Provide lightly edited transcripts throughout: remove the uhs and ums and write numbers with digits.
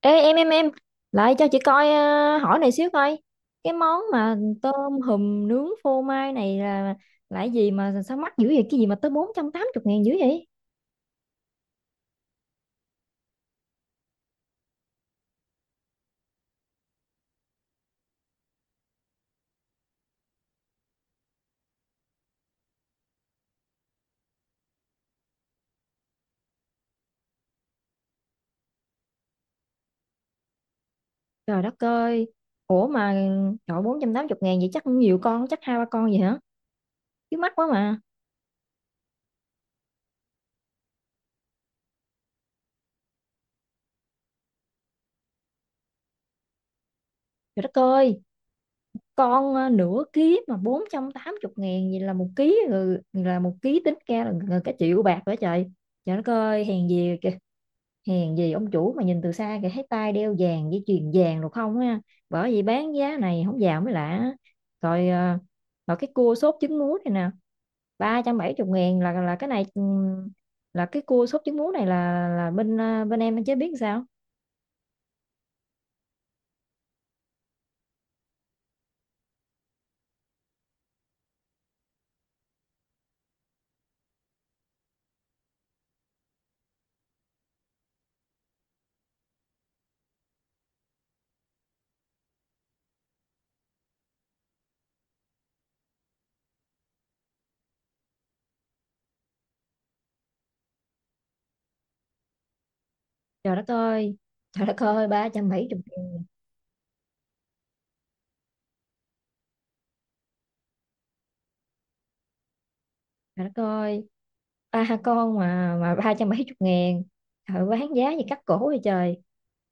Ê em lại cho chị coi, hỏi này xíu coi cái món mà tôm hùm nướng phô mai này là cái gì mà sao mắc dữ vậy? Cái gì mà tới 480 ngàn dữ vậy? Trời đất ơi! Ủa mà trời, 480 ngàn vậy chắc cũng nhiều con, chắc hai ba con vậy hả? Chứ mắc quá mà. Trời đất ơi, con nửa ký mà 480 ngàn vậy là một ký rồi, là một ký tính ra là gần cả triệu bạc nữa trời. Trời đất ơi, hèn gì kìa, hèn gì ông chủ mà nhìn từ xa kìa thấy tay đeo vàng với chuyền vàng được không ha. Bởi vì bán giá này không vào mới lạ. rồi ờ, rồi cái cua sốt trứng muối này nè, 370 ngàn, là cái này là cái cua sốt trứng muối này là bên bên em chế biến sao? Trời đất ơi! Trời đất ơi, ba trăm bảy ngàn! Trời đất ơi, ba con mà ba trăm bảy chục ngàn, trời bán giá gì cắt cổ vậy trời.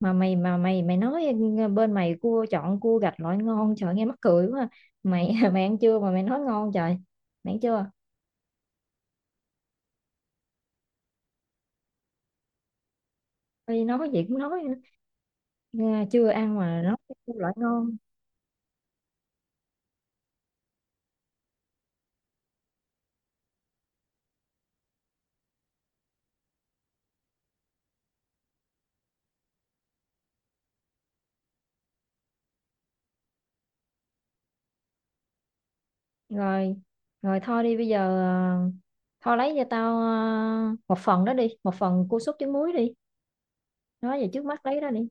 Mà mày, mà mày mày nói bên mày cua chọn cua gạch loại ngon, trời nghe mắc cười quá. Mày mày ăn chưa mà mày nói ngon trời? Mày ăn chưa? Ôi, nói gì cũng nói nữa. Nghe chưa ăn mà nói cái cua loại ngon. Rồi, rồi thôi đi, bây giờ thôi lấy cho tao, một phần đó đi, một phần cua súp trứng muối đi. Nói về trước mắt lấy đó đi.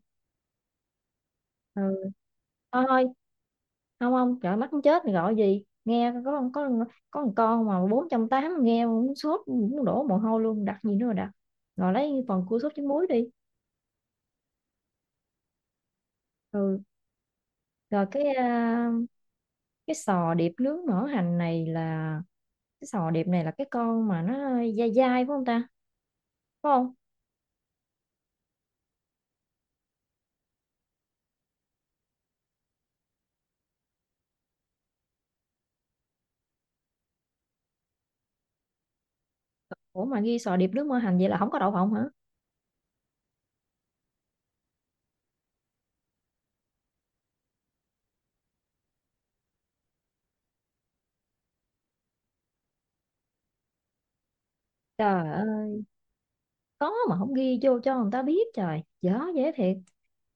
Ừ, thôi thôi không không, trời mắt muốn chết, gọi gì nghe có con, có con con mà bốn trăm tám, nghe muốn sốt muốn đổ mồ hôi luôn, đặt gì nữa mà đặt. Rồi lấy phần cua sốt trứng muối đi. Ừ, rồi cái, cái sò điệp nướng mỡ hành này là cái sò điệp này là cái con mà nó dai dai phải không ta? Phải không? Ủa mà ghi sò điệp nướng mỡ hành vậy là không có đậu phộng hả? Trời ơi, có mà không ghi vô cho người ta biết, trời dở dễ thiệt.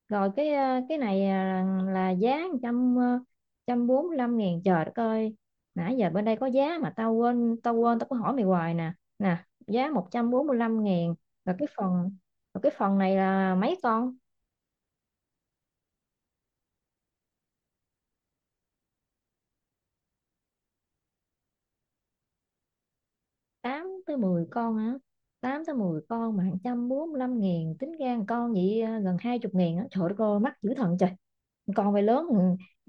Rồi cái cái này à, là giá trăm, trăm bốn mươi lăm ngàn. Trời đất ơi, nãy giờ bên đây có giá mà tao quên, tao có hỏi mày hoài nè, nè, giá một trăm bốn mươi lăm ngàn. rồi cái phần rồi cái phần này là mấy con? Tám tới mười con hả? Tám tới mười con mà một trăm bốn mươi lăm ngàn, tính ra một con vậy gần hai chục ngàn á, trời đất ơi mắc dữ thần trời. Con bay lớn, ừ,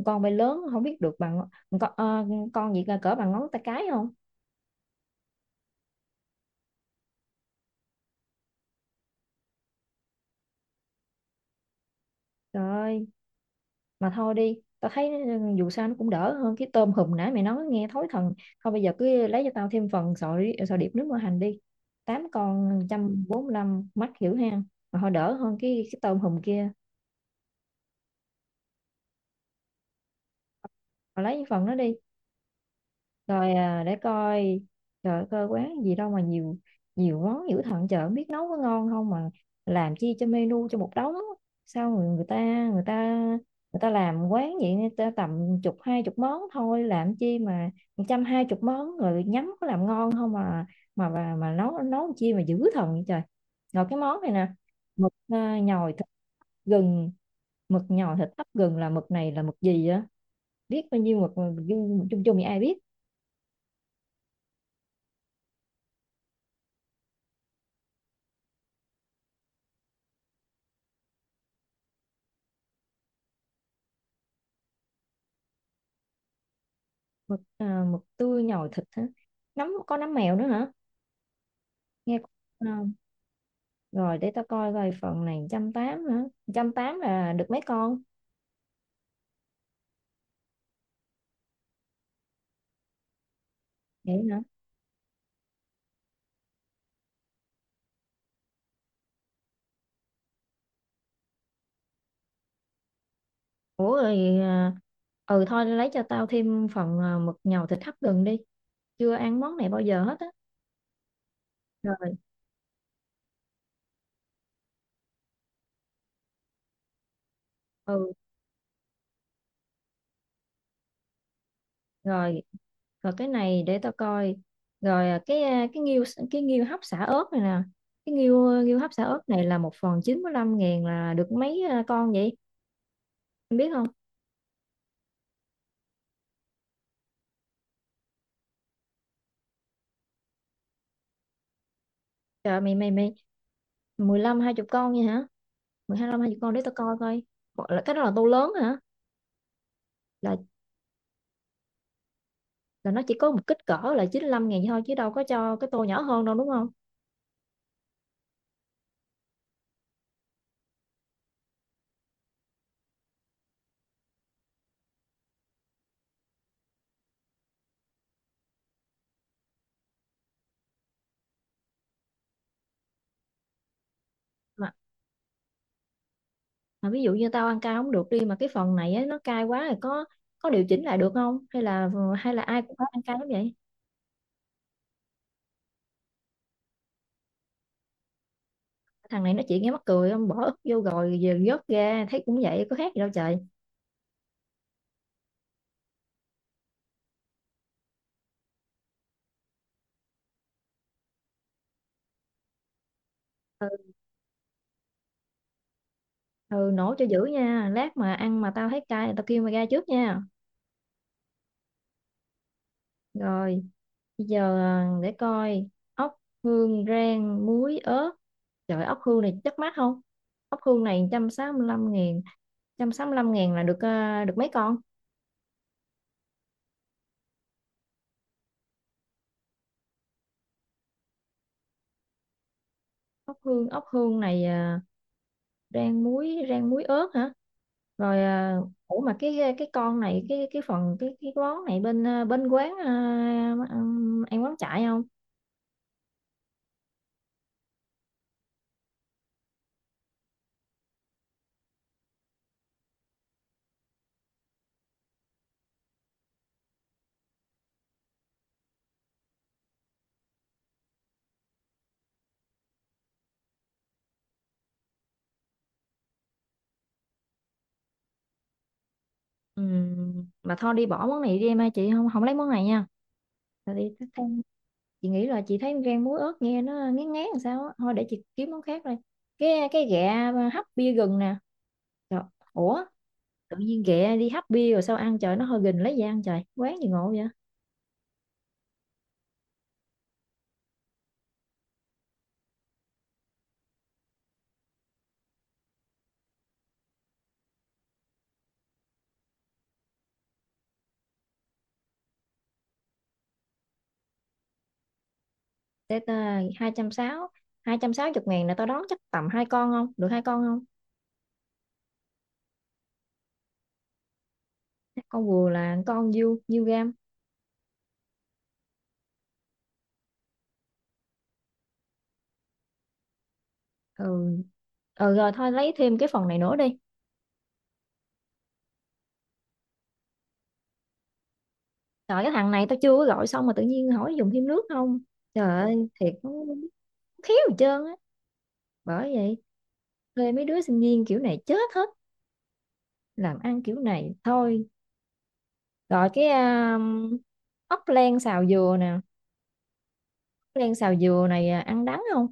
con bay lớn không biết được bằng con, con gì cỡ bằng ngón tay cái không? Trời ơi, mà thôi đi, tao thấy dù sao nó cũng đỡ hơn cái tôm hùm nãy mày nói nghe thối thần. Thôi bây giờ cứ lấy cho tao thêm phần sợi sợi điệp nước mỡ hành đi, tám con một trăm bốn mươi lăm mắt hiểu ha. Mà thôi đỡ hơn cái tôm hùm kia. Mà lấy cái phần đó đi. Rồi à, để coi. Trời ơi, coi quán gì đâu mà nhiều, nhiều món dữ thần chợ biết nấu có ngon không mà làm chi cho menu cho một đống. Sao người, người ta người ta làm quán vậy, người ta tầm chục hai chục món thôi, làm chi mà trăm hai chục món rồi nhắm có làm ngon không mà mà nấu nấu chi mà dữ thần vậy trời. Rồi cái món này nè, mực nhồi thịt gừng, mực nhồi thịt hấp gừng là mực này là mực gì á? Biết bao nhiêu mực mà chung chung chung thì ai biết. Mực à, mực tươi nhồi thịt hả? Nấm có nấm mèo nữa hả? Nghe cũng ngon. Rồi để tao coi coi phần này trăm tám hả? Trăm tám là được mấy con? Vậy hả? Ủa rồi à, ừ thôi lấy cho tao thêm phần, mực nhồi thịt hấp gừng đi, chưa ăn món này bao giờ hết á. Rồi. Ừ. Rồi, rồi cái này để tao coi. Rồi à, cái, cái nghêu, cái nghêu hấp xả ớt này nè, cái nghêu nghêu hấp xả ớt này là một phần 95 ngàn là được mấy con vậy em biết không? Trời mày mày mày mười lăm hai chục con vậy hả? Mười hai lăm hai chục con để tao coi coi. Bộ- là cái đó là tô lớn hả? Là là nó chỉ có một kích cỡ là 95 ngàn thôi chứ đâu có cho cái tô nhỏ hơn đâu đúng không? Mà, mà ví dụ như tao ăn cay không được đi mà cái phần này á, nó cay quá rồi có điều chỉnh lại được không? Hay là ai cũng phải ăn cay lắm vậy? Thằng này nó chỉ nghe mắc cười, không bỏ ức vô rồi giờ vớt ra thấy cũng vậy có khác gì đâu trời. Ừ, ừ, nổ cho dữ nha. Lát mà ăn mà tao thấy cay là tao kêu mày ra trước nha. Rồi. Bây giờ à, để coi, ốc hương rang muối ớt, trời ốc hương này chắc mắc không? Ốc hương này 165 ngàn, 165 ngàn là được được mấy con? Ốc hương này à, rang muối, rang muối ớt hả? Rồi à, ủa mà cái con này cái phần cái món này bên bên quán à, ăn ăn quán chạy không? Mà thôi đi bỏ món này đi em ơi, chị không không lấy món này nha. Thôi đi thích ăn, chị nghĩ là chị thấy rang muối ớt nghe nó ngán ngán làm sao á, thôi để chị kiếm món khác đây. Cái ghẹ à, hấp bia gừng nè. Trời, ủa, tự nhiên ghẹ đi hấp bia rồi sao ăn trời, nó hơi gừng lấy gì ăn trời, quán gì ngộ vậy? Để ta hai trăm sáu, hai trăm sáu chục ngàn là tao đón chắc tầm hai con, không được hai con không? Hai con vừa là con nhiêu nhiêu gam? Ừ, ừ rồi thôi lấy thêm cái phần này nữa đi. Trời cái thằng này, tao chưa có gọi xong mà tự nhiên hỏi dùng thêm nước không. Trời ơi thiệt nó, khéo gì trơn á, bởi vậy thuê mấy đứa sinh viên kiểu này chết hết, làm ăn kiểu này thôi. Rồi cái ốc len xào dừa nè, ốc len xào dừa này à, ăn đắng không?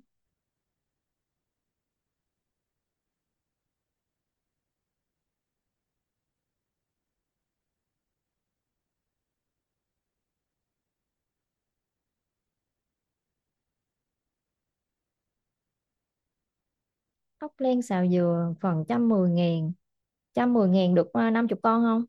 Ốc len xào dừa phần trăm mười ngàn, trăm mười ngàn được năm chục con không?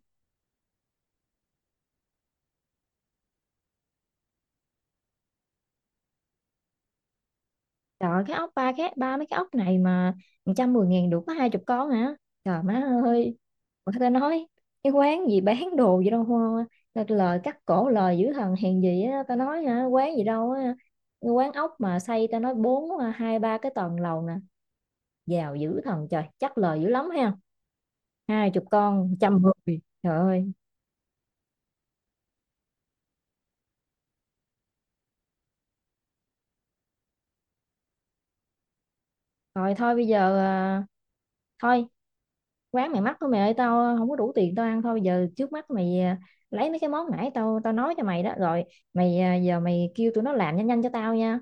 Trời ơi, cái ốc ba, cái ba mấy cái ốc này mà trăm mười ngàn được có hai chục con hả? Trời má ơi, người ta nói cái quán gì bán đồ gì đâu hoa. Thật lời cắt cổ lời dữ thần, hèn gì á ta nói hả, quán gì đâu á, quán ốc mà xây ta nói bốn, hai ba cái tầng lầu nè, giàu dữ thần trời chắc lời dữ lắm ha. Hai chục con trăm người trời ơi. Rồi thôi bây giờ à, thôi quán mày mắc thôi mày ơi, tao không có đủ tiền tao ăn, thôi bây giờ trước mắt mày à, lấy mấy cái món nãy tao tao nói cho mày đó rồi, mày à, giờ mày kêu tụi nó làm nhanh nhanh cho tao nha.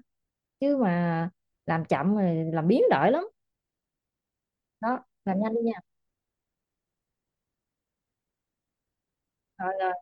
Chứ mà làm chậm rồi làm biến đổi lắm. Đó làm nhanh đi nha. Rồi.